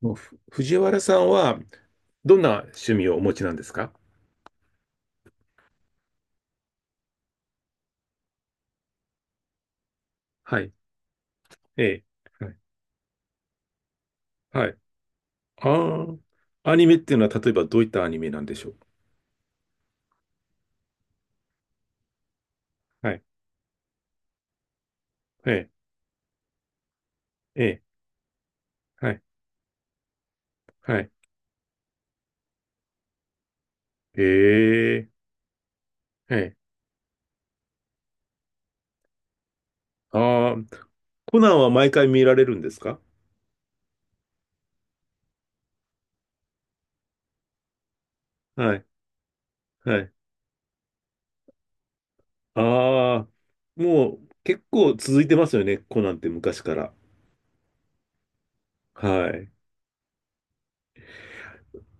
もうふ藤原さんはどんな趣味をお持ちなんですか？はい。ええ。はい。はい。ああ、アニメっていうのは例えばどういったアニメなんでしょう？はい、ええ、ええ、はい。はい。ええ、はい。ああ、コナンは毎回見られるんですか？はい。はい。ああ、もう結構続いてますよね、コナンって昔から。はい。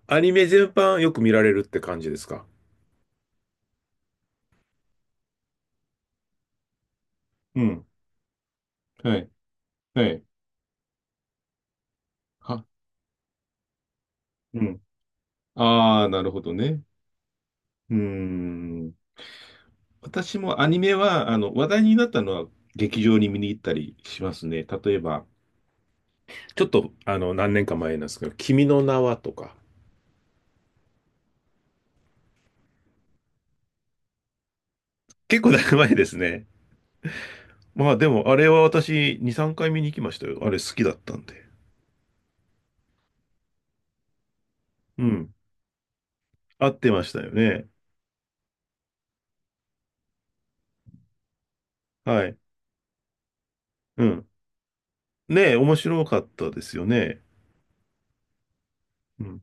アニメ全般よく見られるって感じですか？うん、はい、はい、は、うん。ああ、なるほどね。うーん。私もアニメは、話題になったのは劇場に見に行ったりしますね。例えば、ちょっと、何年か前なんですけど、君の名はとか。結構だいぶ前ですね。まあでも、あれは私、2、3回見に行きましたよ。あれ好きだったんで。うん。合ってましたよね。はい。うん。ねえ、面白かったですよね。うん。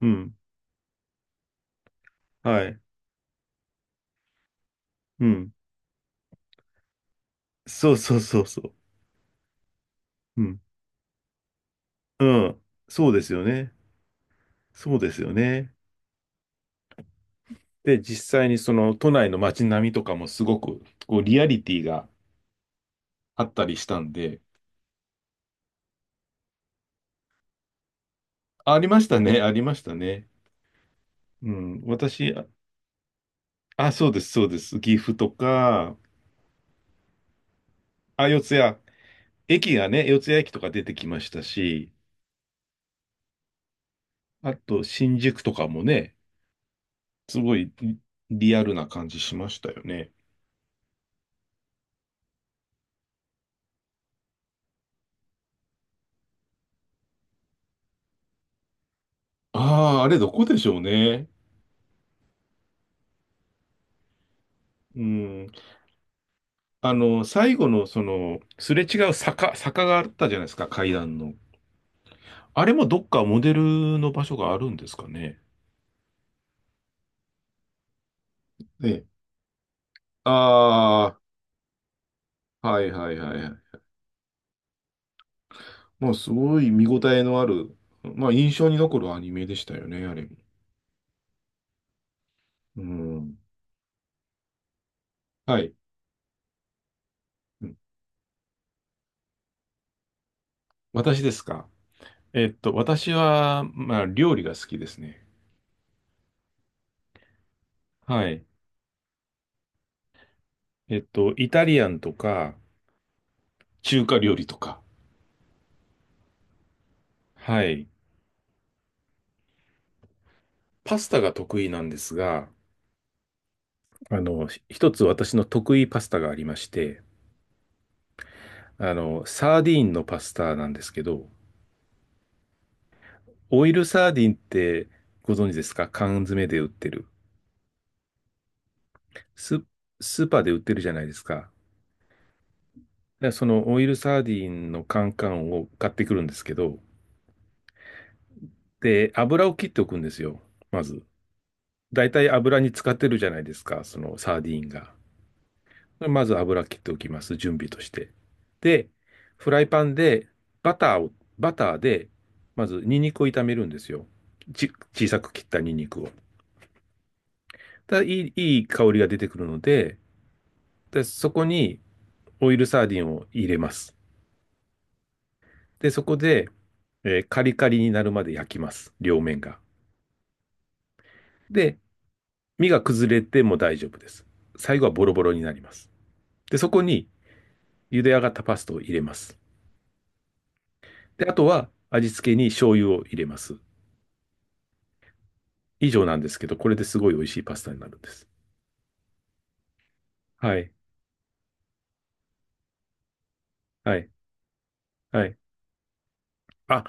うん。はい。うん。そうそうそうそう。うん。うん。そうですよね。そうですよね。で、実際にその都内の街並みとかもすごくこうリアリティがあったりしたんで、あ、ありましたね、ありましたね。うん、私、あ、あ、そうです、そうです。岐阜とか、あ、四谷、駅がね、四谷駅とか出てきましたし、あと新宿とかもね、すごいリアルな感じしましたよね。ああ、あれどこでしょうね。うん。最後のその、すれ違う坂があったじゃないですか、階段の。あれもどっかモデルの場所があるんですかね。ええ。ああ、はいはいはいはい。まあ、すごい見応えのある、まあ、印象に残るアニメでしたよね、あれも。うん。はい。うん。私ですか？私は、まあ、料理が好きですね。はい。イタリアンとか、中華料理とか。はい。パスタが得意なんですが、一つ私の得意パスタがありまして、サーディーンのパスタなんですけど、オイルサーディンってご存知ですか？缶詰で売ってる。ス、スーパーで売ってるじゃないですか。で、そのオイルサーディンの缶を買ってくるんですけど、で、油を切っておくんですよ。まず。だいたい油に使ってるじゃないですか。そのサーディンが。まず油切っておきます。準備として。で、フライパンでバターを、バターで、まずニンニクを炒めるんですよ。ち、小さく切ったニンニクを。ただ、いい香りが出てくるので、で、そこに、オイルサーディンを入れます。で、そこで、カリカリになるまで焼きます。両面が。で、身が崩れても大丈夫です。最後はボロボロになります。で、そこに茹で上がったパスタを入れます。で、あとは味付けに醤油を入れます。以上なんですけど、これですごい美味しいパスタになるんです。はい、はい、はい。あ、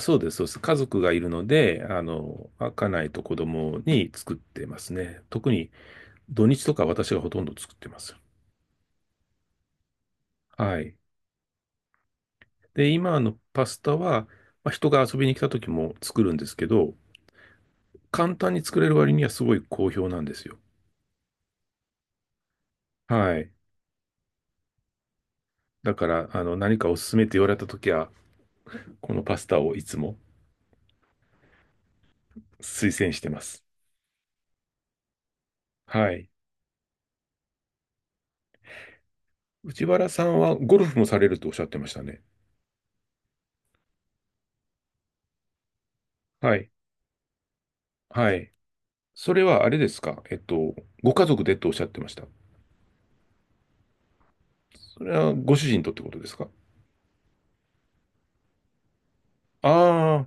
そうです、そうです。家族がいるので、家内と子供に作ってますね。特に土日とか私がほとんど作ってます。はい。で、今のパスタは、まあ、人が遊びに来た時も作るんですけど、簡単に作れる割にはすごい好評なんですよ。はい。だから、何かおすすめって言われた時は、このパスタをいつも推薦してます。はい。内原さんはゴルフもされるとおっしゃってましたね。はい。はい。それはあれですか？ご家族でとおっしゃってました。それはご主人とってことですか？ああ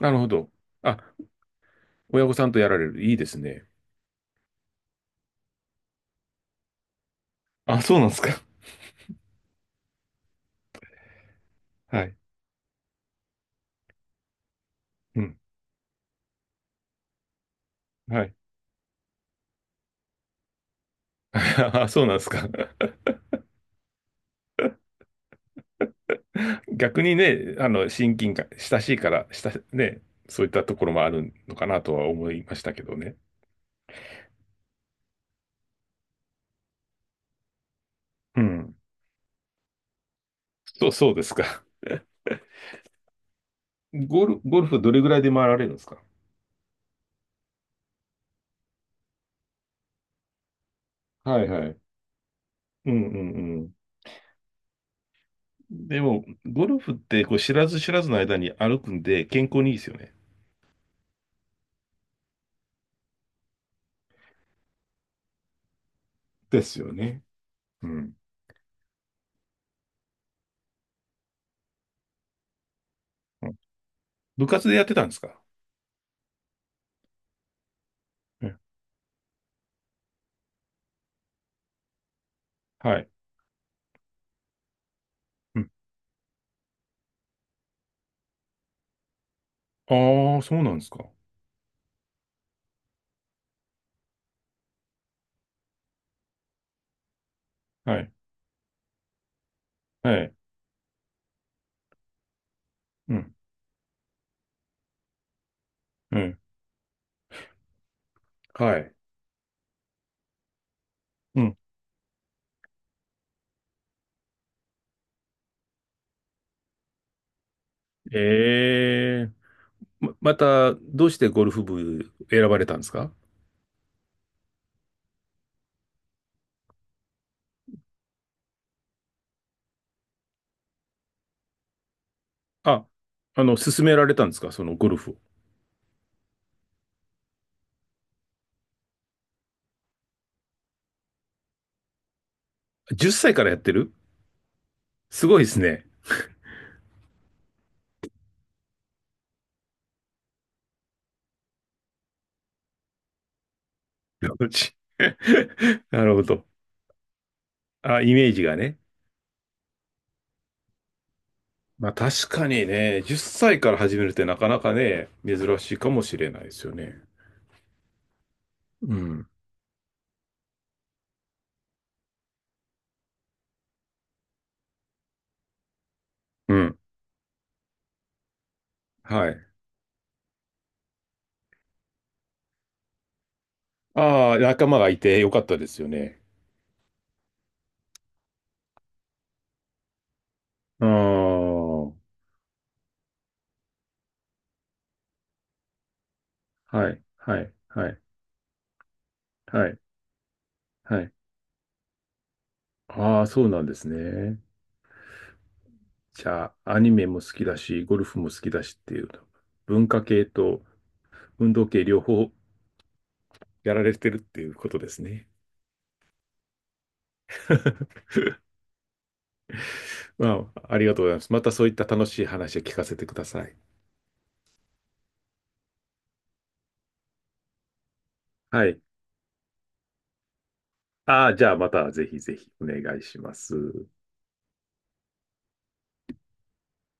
ー、なるほど。あ、親御さんとやられる。いいですね。あ、そうなんですか。はい。うん。はい。あ、そうなんですか。逆にね、親近感、親しいから、ね、そういったところもあるのかなとは思いましたけどね。うん。そうですか。ゴルフどれぐらいで回られるんですか？はいはい。うんうんうん。でも、ゴルフってこう知らず知らずの間に歩くんで健康にいいですよね。ですよね。うん。うん。部活でやってたんですか？え。はい。うん。ああ、そうなんですか。はい。はい。うん。うん。はい。うん。ええ。また、どうしてゴルフ部選ばれたんですか？あ、勧められたんですか？そのゴルフを。10歳からやってる？すごいですね。うち なるほど。あ、イメージがね。まあ確かにね、10歳から始めるってなかなかね、珍しいかもしれないですよね。うん。うん。はい。ああ、仲間がいてよかったですよね。ああ、はい、はい、はい、はい、はい。ああ、そうなんですね。じゃあ、アニメも好きだし、ゴルフも好きだしっていう、文化系と運動系両方やられてるっていうことですね。まあ、ありがとうございます。またそういった楽しい話を聞かせてください。はい。ああ、じゃあまたぜひぜひお願いします。